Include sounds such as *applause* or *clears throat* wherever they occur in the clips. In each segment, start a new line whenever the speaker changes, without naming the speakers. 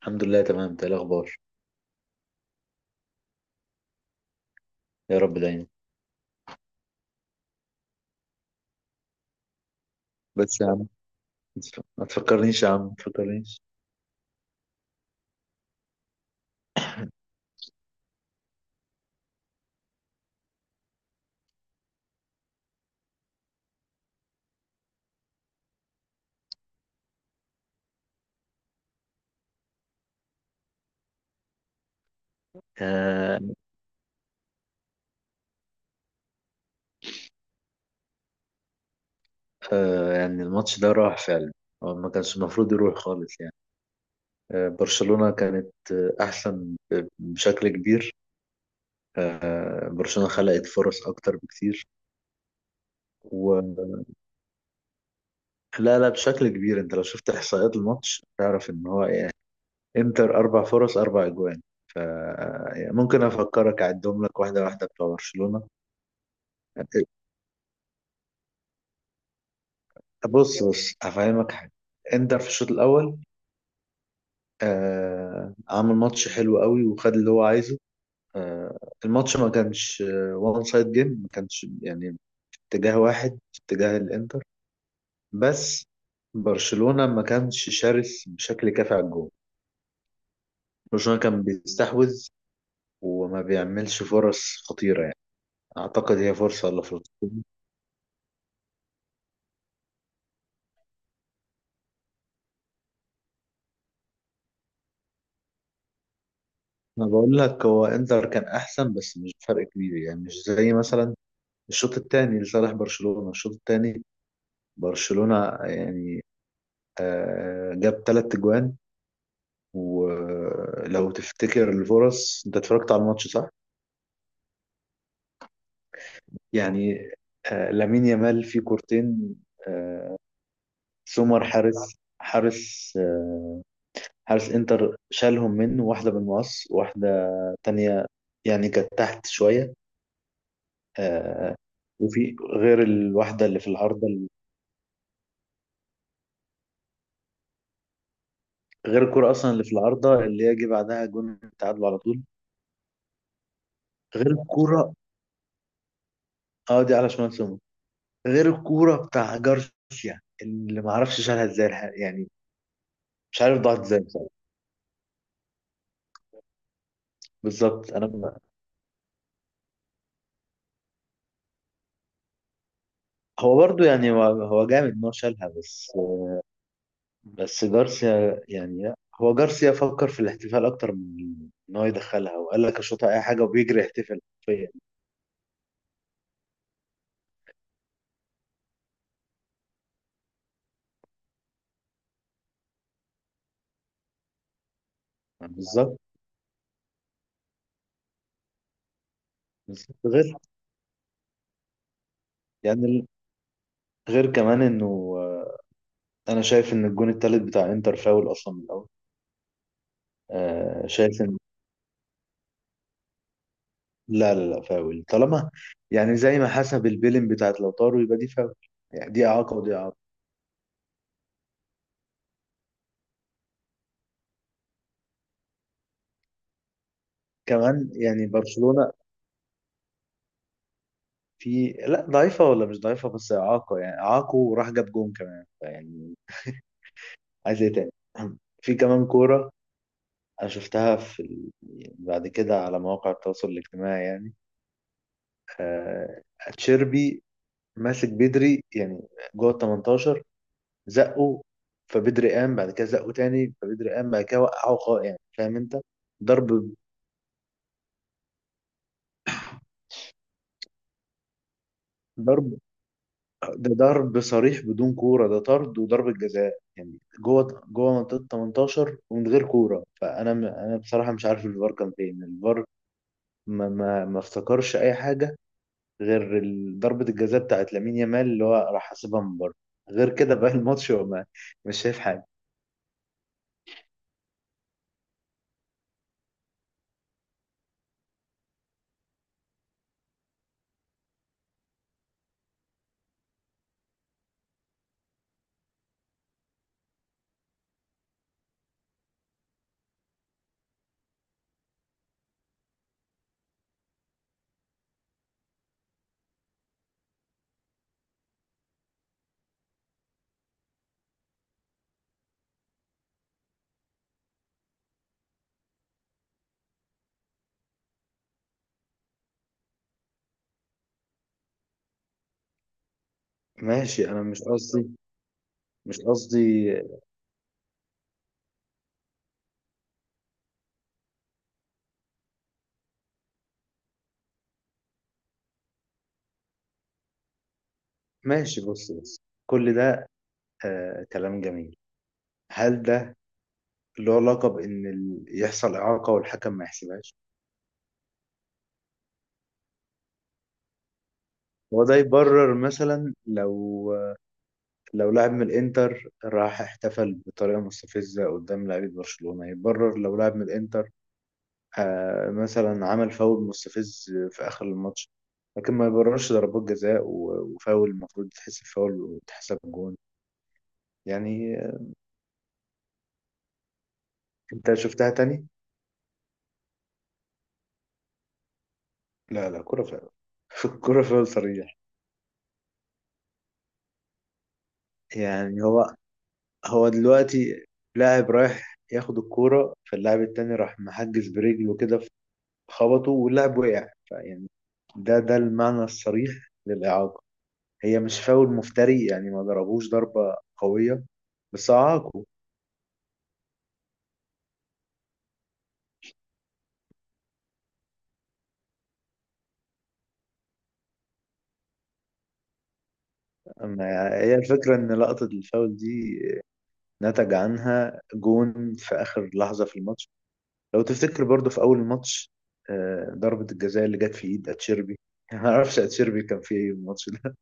الحمد لله، تمام ده الاخبار. يا رب دايما. بس يا عم، ما تفكرنيش يا عم، ما تفكرنيش. آه آه، يعني الماتش ده راح فعلا. هو ما كانش المفروض يروح خالص يعني. برشلونة كانت احسن بشكل كبير. برشلونة خلقت فرص اكتر بكتير. و لا لا، بشكل كبير. انت لو شفت احصائيات الماتش تعرف ان هو يعني انتر اربع فرص، اربع اجوان. ف يعني ممكن افكرك اعدهم لك واحده واحده بتوع برشلونه. بص بص، هفهمك حاجة. انتر في الشوط الأول عمل ماتش حلو قوي وخد اللي هو عايزه. آه الماتش ما كانش وان سايد جيم، ما كانش يعني اتجاه واحد، اتجاه الانتر. بس برشلونة ما كانش شرس بشكل كافي على الجول. برشلونة كان بيستحوذ وما بيعملش فرص خطيرة يعني. أعتقد هي فرصة ولا فرصتين. أنا بقول لك هو إنتر كان أحسن، بس مش فرق كبير يعني، مش زي مثلا الشوط الثاني لصالح برشلونة. الشوط الثاني برشلونة يعني جاب ثلاث اجوان. ولو تفتكر الفرص، انت اتفرجت على الماتش صح؟ يعني لامين يامال في كورتين. آه، سومر حارس، حارس انتر شالهم منه، واحدة بالمقص، واحدة تانية يعني كانت تحت شوية. آه، وفي غير الواحدة اللي في العارضة. غير الكرة أصلا اللي في العارضة اللي هي جه بعدها جون التعادل على طول. غير الكرة، اه دي على شمال سومر. غير الكورة بتاع جارسيا اللي ما اعرفش شالها ازاي يعني مش عارف ضاعت ازاي بصراحة. بالظبط، هو برضو يعني هو جامد ان هو شالها، بس بس جارسيا يعني لا. هو جارسيا فكر في الاحتفال اكتر من ان هو يدخلها، وقال لك اشوطها اي حاجة وبيجري يحتفل حرفيا. يعني بالظبط. بالظبط غير يعني ال- غير كمان انه، آه، انا شايف ان الجون التالت بتاع انتر فاول اصلا من الاول. شايف، لا لا لا، فاول طالما يعني زي ما حسب البيلين بتاعت لوتارو يبقى دي فاول. يعني دي إعاقة ودي إعاقة كمان يعني. برشلونة في لا ضعيفة ولا مش ضعيفة، بس إعاقة يعني. إعاقة وراح جاب جون كمان يعني، عايز إيه تاني؟ *clears throat* في كمان كورة أنا شفتها في بعد كده على مواقع التواصل الاجتماعي يعني. آه... تشيربي ماسك بدري يعني جوه ال 18، زقه، فبدري قام، بعد كده زقه تاني فبدري قام، بعد كده وقعه خالص يعني، فاهم انت؟ ضرب، ضرب. ده ضرب صريح بدون كورة، ده طرد وضربة جزاء يعني، جوه جوه منطقة 18 ومن غير كورة. فأنا أنا بصراحة مش عارف الفار كان فين. الفار ما افتكرش أي حاجة غير ضربة الجزاء بتاعت لامين يامال اللي هو راح حاسبها من بره. غير كده بقى الماتش هو ما، مش شايف حاجة. ماشي، أنا مش قصدي، مش قصدي. ماشي، بص بص، كل ده آه كلام جميل. هل ده له علاقة بإن يحصل إعاقة والحكم ما يحسبهاش؟ هو ده يبرر مثلا لو لو لاعب من الانتر راح احتفل بطريقه مستفزه قدام لاعيبه برشلونه؟ يبرر لو لاعب من الانتر مثلا عمل فاول مستفز في اخر الماتش؟ لكن ما يبررش ضربات جزاء وفاول، المفروض تحسب فاول وتحسب جون. يعني انت شفتها تاني؟ لا لا، كرة فاول. *laughs* كرة فاول صريح. يعني هو هو دلوقتي لاعب رايح ياخد الكورة، فاللاعب التاني راح محجز برجله كده، خبطه واللاعب وقع، فيعني ده ده المعنى الصريح للإعاقة. هي مش فاول مفتري يعني، ما ضربوش ضربة قوية، بس أعاقه. أما هي الفكرة إن لقطة الفاول دي نتج عنها جون في آخر لحظة في الماتش. لو تفتكر برضه في أول الماتش ضربة الجزاء اللي جت في إيد أتشيربي. *laughs* ما أعرفش أتشيربي كان في إيه الماتش ده.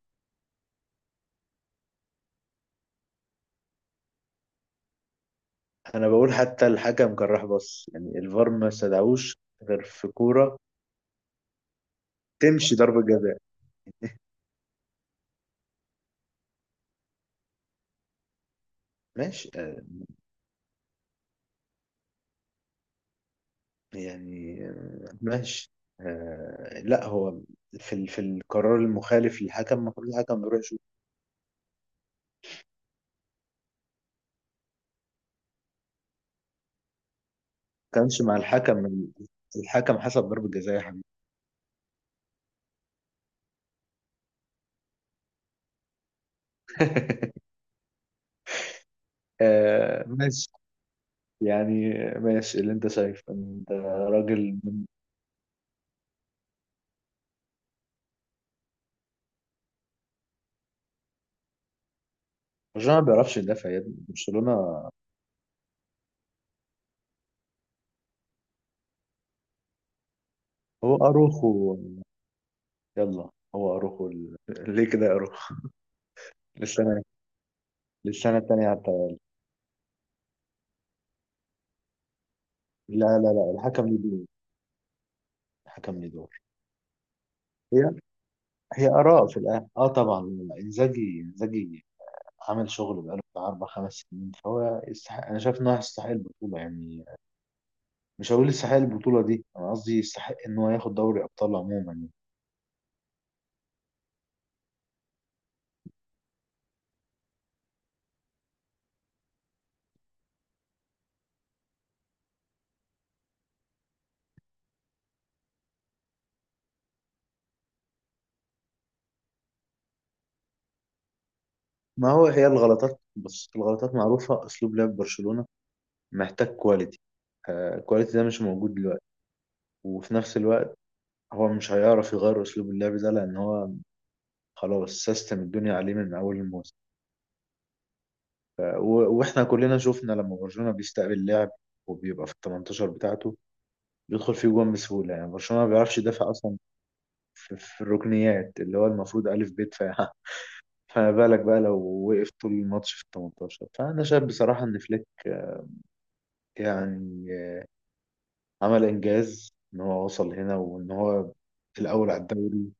أنا بقول حتى الحكم كان راح بص يعني، الفار ما استدعوش غير في كورة تمشي ضربة جزاء. ماشي يعني ماشي. آه لا، هو في في القرار المخالف للحكم، المفروض الحكم يروح يشوف. ما كانش مع الحكم، الحكم حسب ضربة جزاء يا حبيبي. *laughs* آه ماشي يعني، ماشي اللي انت شايف، انت راجل. برشلونة ما بيعرفش يدافع يا ابني. برشلونة هو اروخو، يلا هو اروخو ليه كده يا اروخو؟ للسنة، للسنة التانية حتى. لا لا لا، الحكم ليه دور، الحكم ليه دور. هي هي اراء في الاخر، اه طبعا. انزاجي، انزاجي عمل شغل بقاله بتاع أربع خمس سنين، فهو يستحق. أنا شايف إن هو يستحق البطولة يعني. مش هقول يستحق البطولة دي، أنا قصدي يستحق إن هو ياخد دوري أبطال عموما يعني. ما هو هي الغلطات، بس الغلطات معروفة، أسلوب لعب برشلونة محتاج كواليتي. الكواليتي ده مش موجود دلوقتي. وفي نفس الوقت هو مش هيعرف يغير أسلوب اللعب ده، لأن هو خلاص سيستم الدنيا عليه من أول الموسم. وإحنا كلنا شفنا لما برشلونة بيستقبل لعب وبيبقى في ال 18 بتاعته، بيدخل فيه جوان بسهولة. يعني برشلونة ما بيعرفش يدافع أصلا في, الركنيات اللي هو المفروض ألف ب دفاع. *laughs* فما بالك بقى لو وقف طول الماتش في ال 18؟ فأنا شايف بصراحة إن فليك يعني عمل إنجاز إن هو وصل هنا وإن هو الأول على الدوري.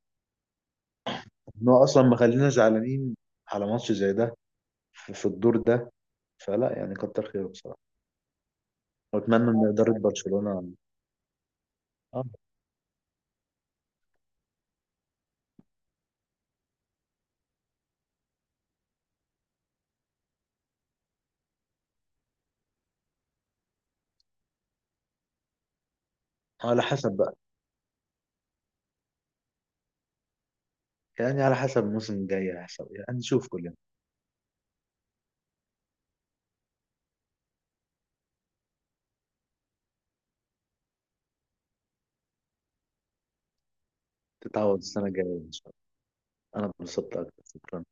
إن هو أصلا ما خلينا زعلانين على ماتش زي ده في الدور ده. فلا يعني، كتر خيره بصراحة. وأتمنى إن إدارة برشلونة آه، على حسب بقى. يعني على حسب الموسم الجاي هيحصل إيه. يعني نشوف كلنا. تتعوض السنة الجاية إن شاء الله. أنا اتبسطت أكتر، شكرا.